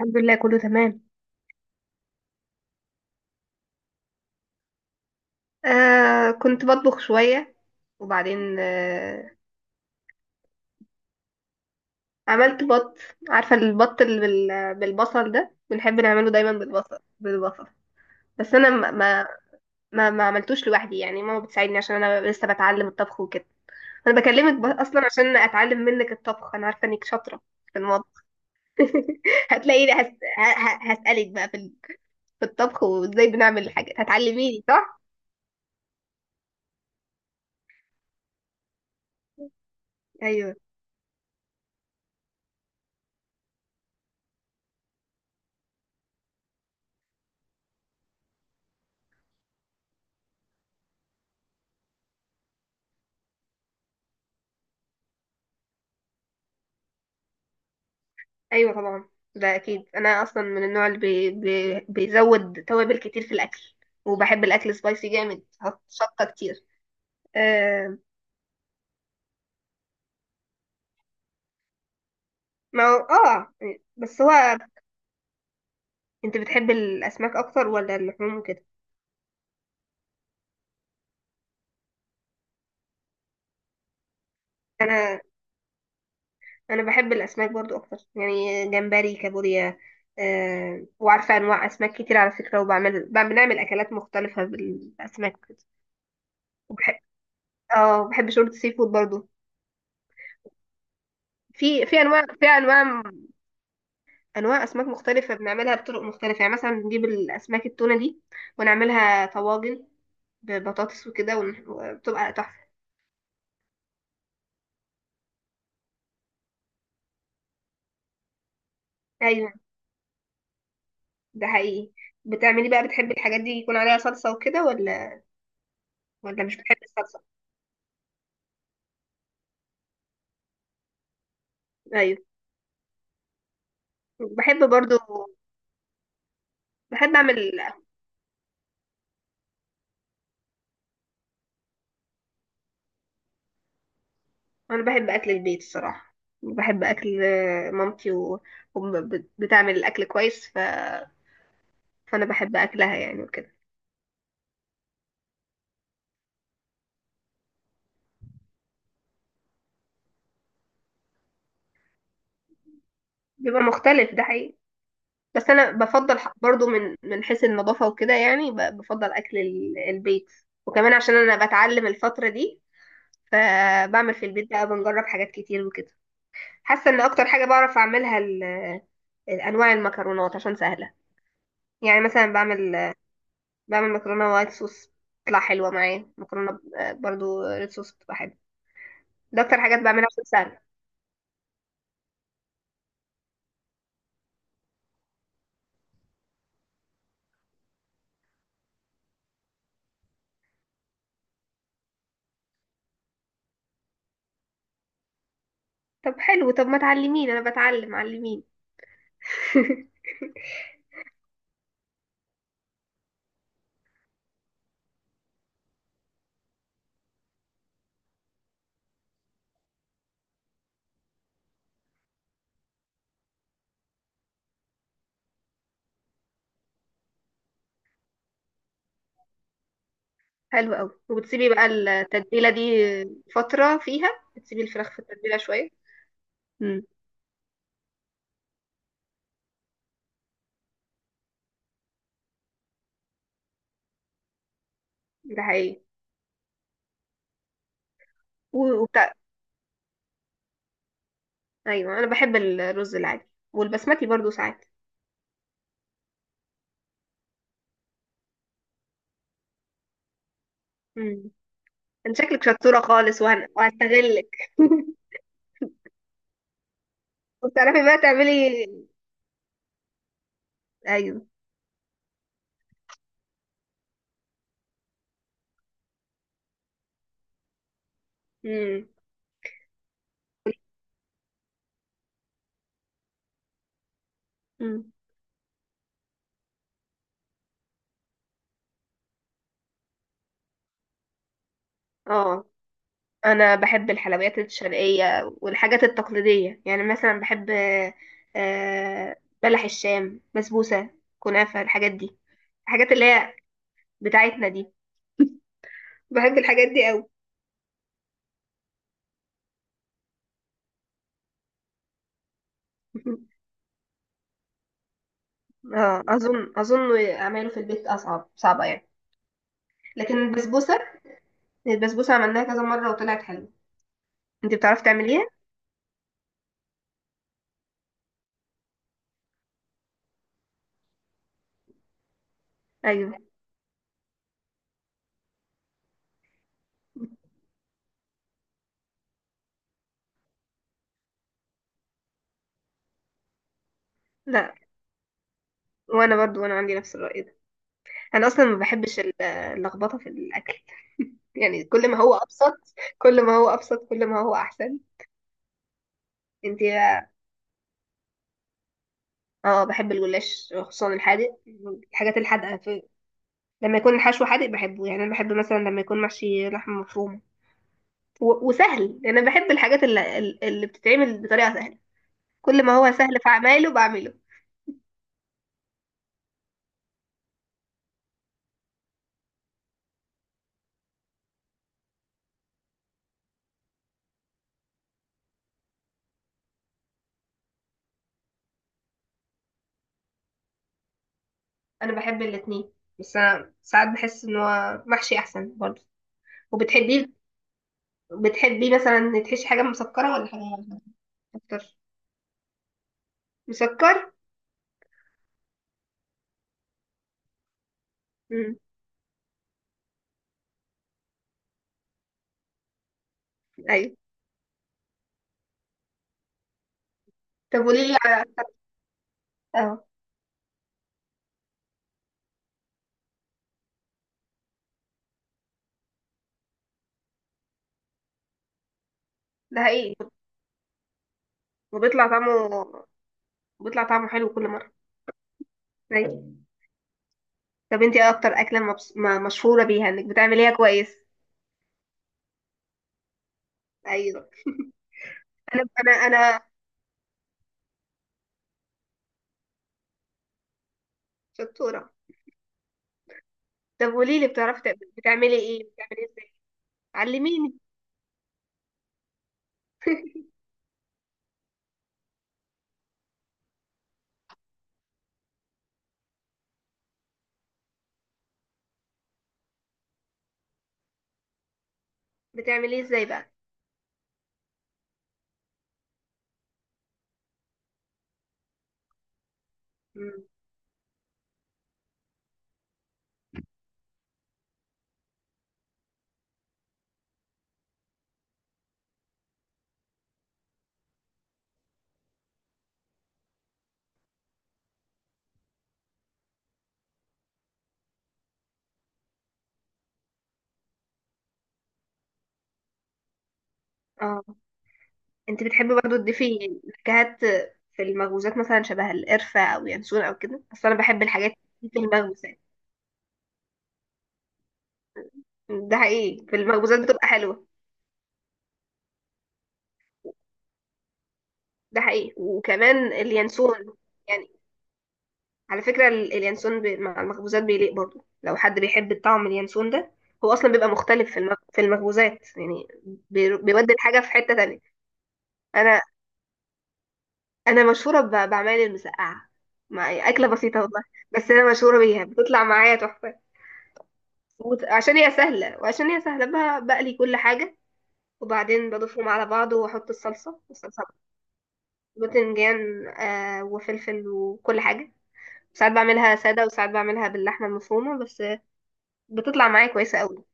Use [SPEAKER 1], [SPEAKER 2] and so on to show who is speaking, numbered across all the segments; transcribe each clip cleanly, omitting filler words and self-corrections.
[SPEAKER 1] الحمد لله، كله تمام. كنت بطبخ شوية. وبعدين عملت بط. عارفة البط اللي بالبصل ده، بنحب نعمله دايما بالبصل بالبصل. بس أنا ما عملتوش لوحدي، يعني ماما بتساعدني عشان أنا لسه بتعلم الطبخ وكده. أنا بكلمك أصلا عشان أتعلم منك الطبخ، أنا عارفة إنك شاطرة في المطبخ. هتلاقيني هسألك بقى في في الطبخ، وإزاي بنعمل الحاجات. هتعلميني صح؟ ايوه. ايوه طبعا، ده اكيد. انا اصلا من النوع اللي بي بي بيزود توابل كتير في الاكل، وبحب الاكل سبايسي جامد، حط شطه كتير. آه. ما هو اه. بس هو، انت بتحب الاسماك اكتر ولا اللحوم وكده؟ انا انا بحب الاسماك برضو اكتر، يعني جمبري، كابوريا. وعارفه انواع اسماك كتير على فكره، وبعمل بنعمل اكلات مختلفه بالاسماك كده. وبحب، اه بحب شوربه سي فود برضو. في في انواع في انواع انواع اسماك مختلفه بنعملها بطرق مختلفه، يعني مثلا بنجيب الاسماك التونه دي، ونعملها طواجن ببطاطس وكده، وبتبقى تحفه. ايوه، ده حقيقي. بتعملي بقى بتحبي الحاجات دي يكون عليها صلصه وكده ولا؟ ولا مش بتحبي الصلصه؟ ايوه، بحب برضو. بحب اعمل. انا بحب اكل البيت الصراحه. بحب اكل مامتي وبتعمل الاكل كويس فانا بحب اكلها يعني وكده. بيبقى مختلف، ده حقيقي. بس انا بفضل برضو، من حيث النظافه وكده، يعني بفضل اكل البيت. وكمان عشان انا بتعلم الفتره دي، فبعمل في البيت بقى، بنجرب حاجات كتير وكده. حاسه ان اكتر حاجه بعرف اعملها انواع المكرونات، عشان سهله. يعني مثلا بعمل مكرونه وايت صوص، بتطلع حلوه معايا. مكرونه برضو ريد صوص بتبقى حلوه. ده اكتر حاجات بعملها عشان سهله. طب حلو، طب ما تعلميني، انا بتعلم، علميني. حلو قوي. وبتسيبي بقى التتبيله دي فتره فيها؟ بتسيبي الفراخ في التتبيله شويه؟ امم. ده حقيقي. وبتاع. ايوه انا بحب الرز العادي والبسمتي برضو ساعات. امم. انت شكلك شطوره خالص، وهستغلك. وبتعرفي بقى تعملي؟ ايوه. امم، امم. اه، انا بحب الحلويات الشرقيه والحاجات التقليديه، يعني مثلا بحب آه، بلح الشام، بسبوسه، كنافه، الحاجات دي. الحاجات اللي هي بتاعتنا دي، بحب الحاجات دي قوي. اه، اظن اعماله في البيت صعبه يعني. لكن البسبوسه، عملناها كذا مره وطلعت حلوه. انت بتعرفي تعمليها؟ ايوه، لا. وانا عندي نفس الرأي ده. انا اصلا ما بحبش اللخبطه في الاكل. يعني كل ما هو ابسط، كل ما هو ابسط، كل ما هو احسن. انت اه بحب الجلاش، خصوصا الحادق. الحاجات الحادقه، في، لما يكون الحشو حادق بحبه. يعني انا بحب مثلا لما يكون محشي لحمه مفرومه، وسهل، لأن أنا بحب الحاجات اللي بتتعمل بطريقة سهلة. كل ما هو سهل في أعماله بعمله. أنا بحب الاتنين، بس أنا ساعات بحس إن هو محشي أحسن برضه. وبتحبيه بتحبيه مثلا تحشي حاجة مسكرة ولا حاجة أكتر؟ مسكر؟ مم. أيوه. طب قولي لي على، اه، ده حقيقي. وبيطلع طعمه بيطلع طعمه حلو كل مرة. أيوه. طب انتي ايه اكتر اكلة مبس... ما- مشهورة بيها انك بتعمليها كويس؟ ايوه، انا انا شطورة. طب قولي لي، بتعرفي بتعملي ايه؟ بتعملي ازاي؟ علميني. بتعملي ازاي بقى؟ مم. اه انت بتحبي برضه تضيفي نكهات في المخبوزات، مثلا شبه القرفة او ينسون او كده؟ اصل انا بحب الحاجات دي في المخبوزات. ده حقيقي، في المخبوزات بتبقى حلوة. ده حقيقي، وكمان اليانسون يعني. على فكرة اليانسون مع المخبوزات بيليق برضه، لو حد بيحب الطعم اليانسون ده. هو اصلا بيبقى مختلف في في المخبوزات يعني. بيودي الحاجة في حتة تانية. انا انا مشهوره بعمال المسقعه، مع اكله بسيطه والله. بس انا مشهوره بيها، بتطلع معايا تحفه. عشان هي سهله، وعشان هي سهله، بقلي كل حاجه، وبعدين بضيفهم على بعض، واحط الصلصه والصلصه، باذنجان، وفلفل وكل حاجه. ساعات بعملها ساده، وساعات بعملها باللحمه المفرومه بس، بتطلع معايا كويسه قوي.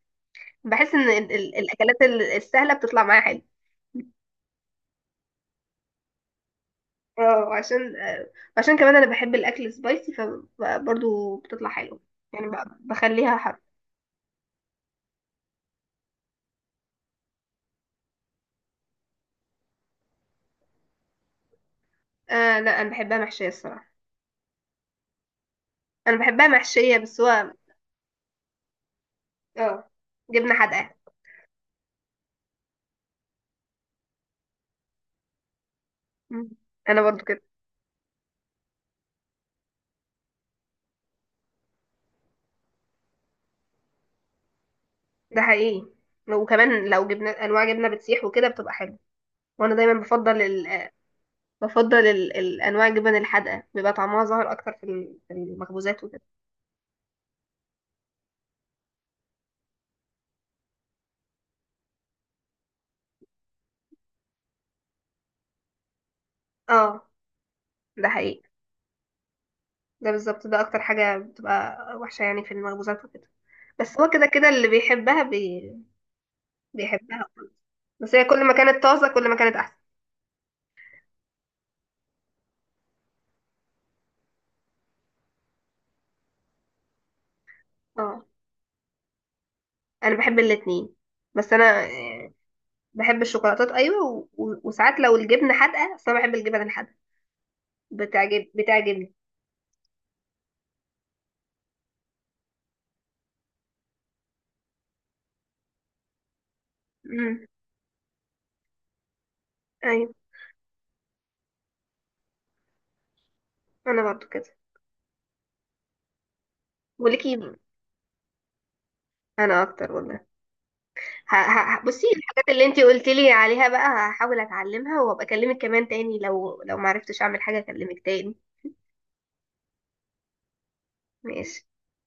[SPEAKER 1] بحس ان الاكلات السهله بتطلع معايا حلو. اه عشان آه عشان كمان انا بحب الاكل سبايسي، فبرضه بتطلع حلو. يعني بخليها. آه لا، انا بحبها محشيه الصراحه. انا بحبها محشيه، بس هو، اه، جبنه حادقه. مم. انا برضو كده، ده حقيقي. وكمان لو انواع جبنه بتسيح وكده بتبقى حلوه. وانا دايما الانواع الجبن الحادقه، بيبقى طعمها ظاهر اكتر في في المخبوزات وكده. اه ده حقيقي، ده بالظبط، ده اكتر حاجه بتبقى وحشه يعني في المخبوزات وكده. بس هو كده كده اللي بيحبها. بس هي كل ما كانت طازه، كل ما كانت احسن. اه انا بحب الاتنين، بس انا بحب الشوكولاتات ايوه، وساعات لو الجبنه حادقه، اصل انا بحب الجبن الحادقه، بتعجبني. امم. ايوه، انا برضو كده. وليكي، انا اكتر والله. بصي، الحاجات اللي انتي قلتي لي عليها بقى هحاول اتعلمها، وابقى اكلمك كمان تاني. لو ما عرفتش اعمل حاجه اكلمك تاني. ماشي.